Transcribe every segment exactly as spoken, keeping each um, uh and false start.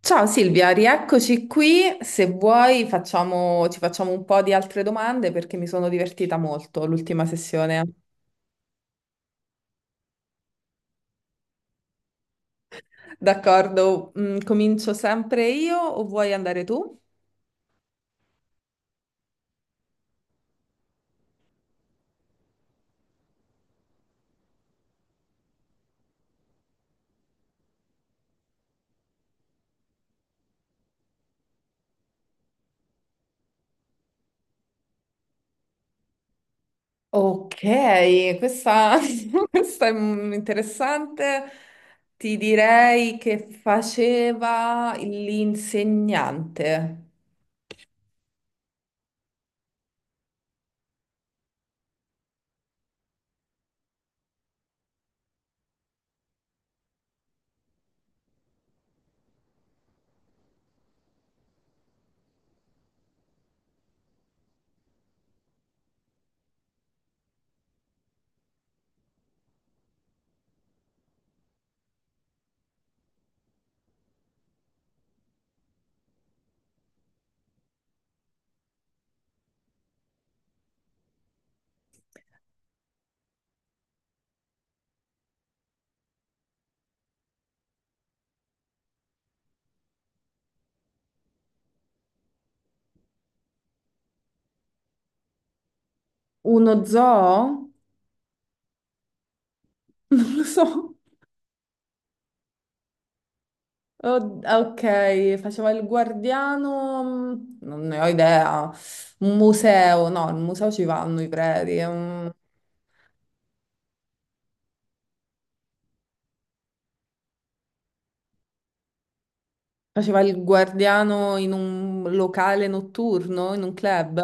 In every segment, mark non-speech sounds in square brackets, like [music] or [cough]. Ciao Silvia, rieccoci qui. Se vuoi facciamo- ci facciamo un po' di altre domande perché mi sono divertita molto l'ultima sessione. D'accordo, mm, comincio sempre io o vuoi andare tu? Ok, questa, [laughs] questa è mm, interessante. Ti direi che faceva l'insegnante. Uno zoo? [laughs] Non lo so. Oh, ok, faceva il guardiano, mm, non ne ho idea. Un museo, no, al museo ci vanno i preti. è un- Faceva il guardiano in un locale notturno, in un club.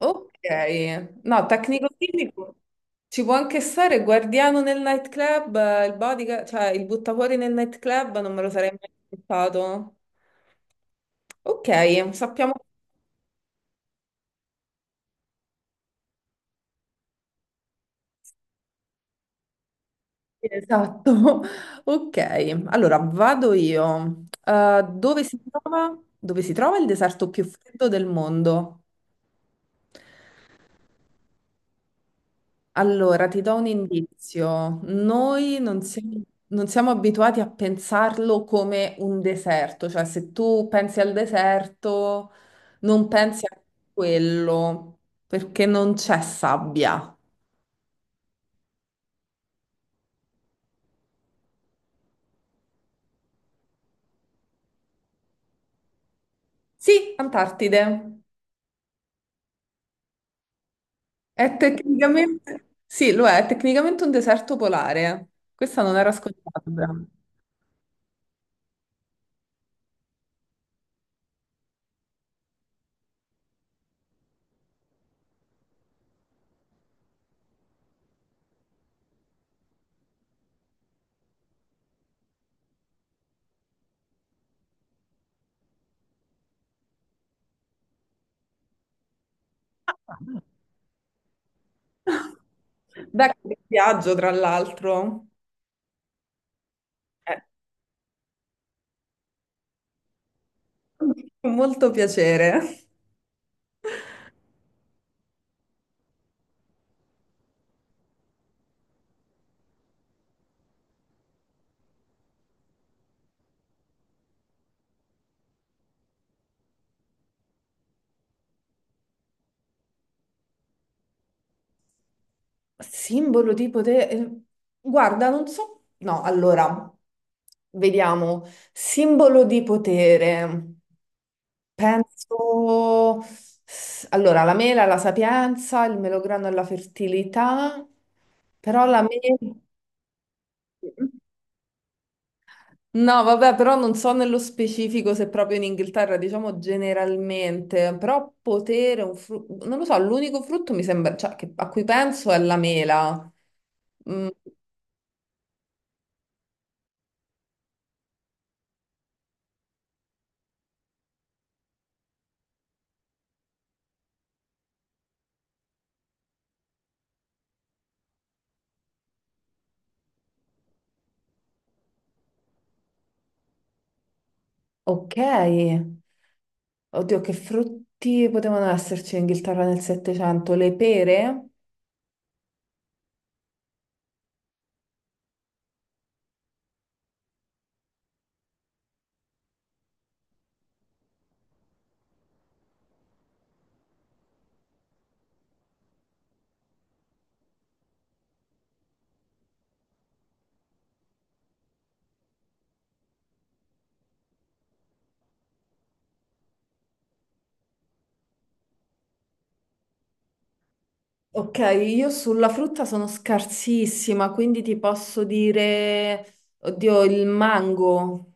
Ok, no, tecnico-chimico. Ci può anche stare il guardiano nel nightclub, eh, il bodyguard, cioè il buttafuori nel nightclub, non me lo sarei mai aspettato. Ok, sappiamo. Esatto. [laughs] Ok, allora vado io. Eh, dove si trova, dove si trova il deserto più freddo del mondo? Allora, ti do un indizio. Noi non siamo, non siamo abituati a pensarlo come un deserto, cioè se tu pensi al deserto, non pensi a quello, perché non c'è sabbia. Sì, Antartide. È tecnicamente, sì, lo è, è tecnicamente un deserto polare. Eh. Questa non era scontata. [laughs] Da che viaggio, tra l'altro. Eh, con molto piacere. Simbolo di potere. Eh, guarda, non so. No, allora, vediamo. Simbolo di potere. Penso. Allora, la mela, la sapienza, il melograno e la fertilità, però la mela. No, vabbè, però non so nello specifico se proprio in Inghilterra, diciamo generalmente, però potere, un fru- non lo so, l'unico frutto mi sembra, cioè, che- a cui penso è la mela. Mm, ok, oddio, che frutti potevano esserci in Inghilterra nel Settecento? Le pere? Ok, io sulla frutta sono scarsissima, quindi ti posso dire, oddio, il mango.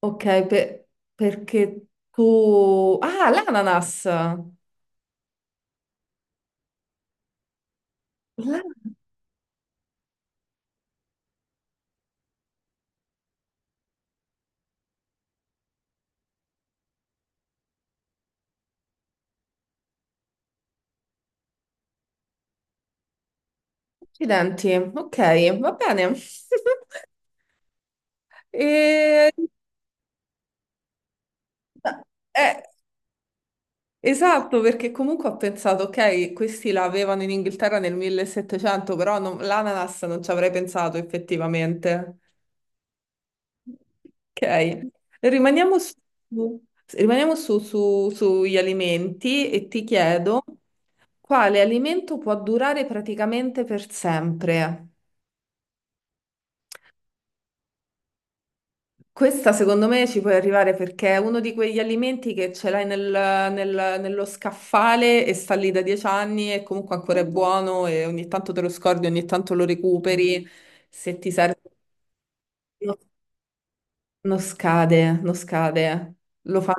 Ok, per- perché tu... Ah, l'ananas! Ah, accidenti, ok, va bene. [laughs] E- eh, esatto, perché comunque ho pensato, ok, questi la avevano in Inghilterra nel millesettecento, però non- l'ananas non ci avrei pensato effettivamente. Ok, rimaniamo su, rimaniamo su- su- sugli alimenti e ti chiedo quale alimento può durare praticamente per sempre? Questa secondo me ci puoi arrivare perché è uno di quegli alimenti che ce l'hai nel- nel- nello scaffale e sta lì da dieci anni e comunque ancora è buono e ogni tanto te lo scordi, ogni tanto lo recuperi. Se ti serve, no- non scade, non scade. Lo fa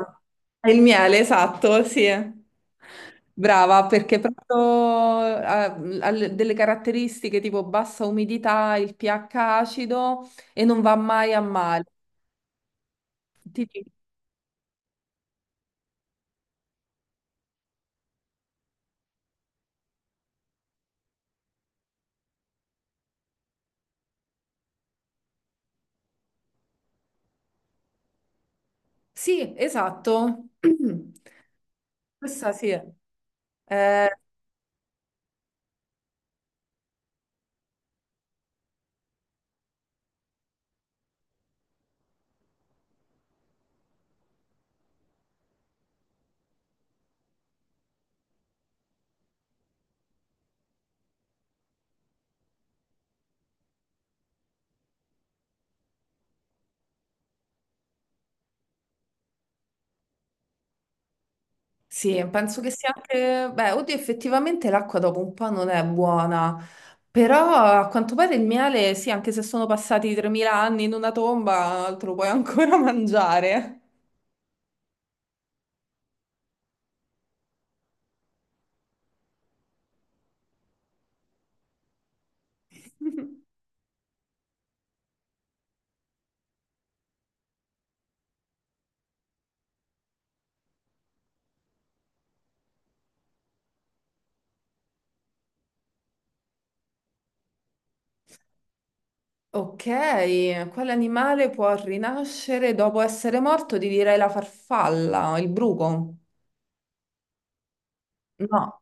il miele, esatto, sì. Brava, perché proprio ha, ha le- delle caratteristiche tipo bassa umidità, il pH acido e non va mai a male. Sì, esatto. [clears throat] Questa sì. Eh, sì, penso che sia anche... Beh, oddio, effettivamente l'acqua dopo un po' non è buona, però a quanto pare il miele, sì, anche se sono passati tremila anni in una tomba, te lo puoi ancora [laughs] mangiare. Ok, quale animale può rinascere dopo essere morto? Ti direi la farfalla, il bruco. No,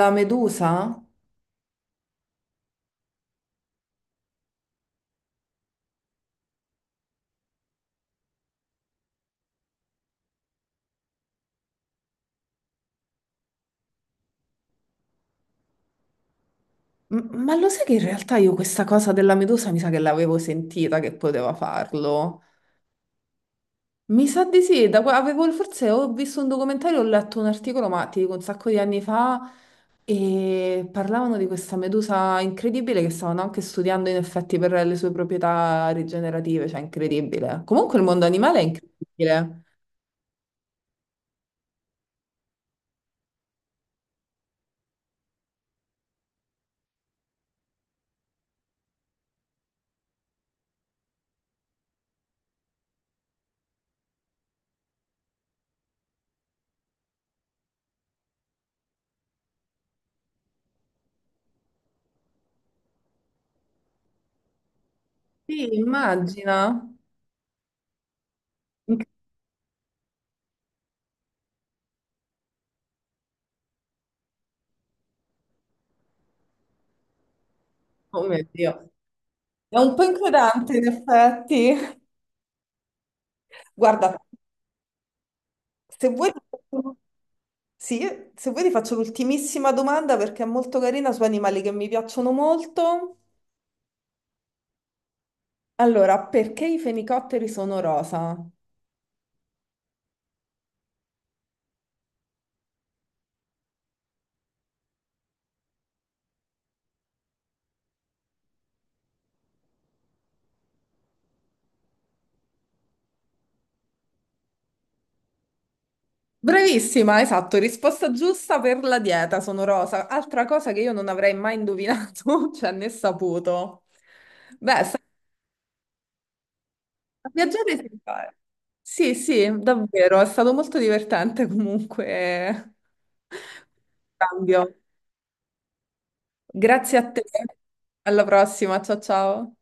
la medusa? M- Ma lo sai che in realtà io questa cosa della medusa mi sa che l'avevo sentita che poteva farlo? Mi sa di sì, da qua- avevo, forse ho visto un documentario, ho letto un articolo, ma ti dico un sacco di anni fa, e parlavano di questa medusa incredibile che stavano anche studiando in effetti per le sue proprietà rigenerative, cioè incredibile. Comunque il mondo animale è incredibile. Sì, immagina. Inc- Oh mio Dio, è un po' inquietante in effetti. [laughs] Guarda, se vuoi... Sì, se vuoi ti faccio l'ultimissima domanda perché è molto carina su animali che mi piacciono molto. Allora, perché i fenicotteri sono rosa? Bravissima, esatto, risposta giusta per la dieta, sono rosa. Altra cosa che io non avrei mai indovinato, [laughs] cioè né saputo. Beh, è stata una viaggiata esemplare. Sì, sì, davvero, è stato molto divertente comunque. [laughs] Cambio. Grazie a te, alla prossima, ciao ciao.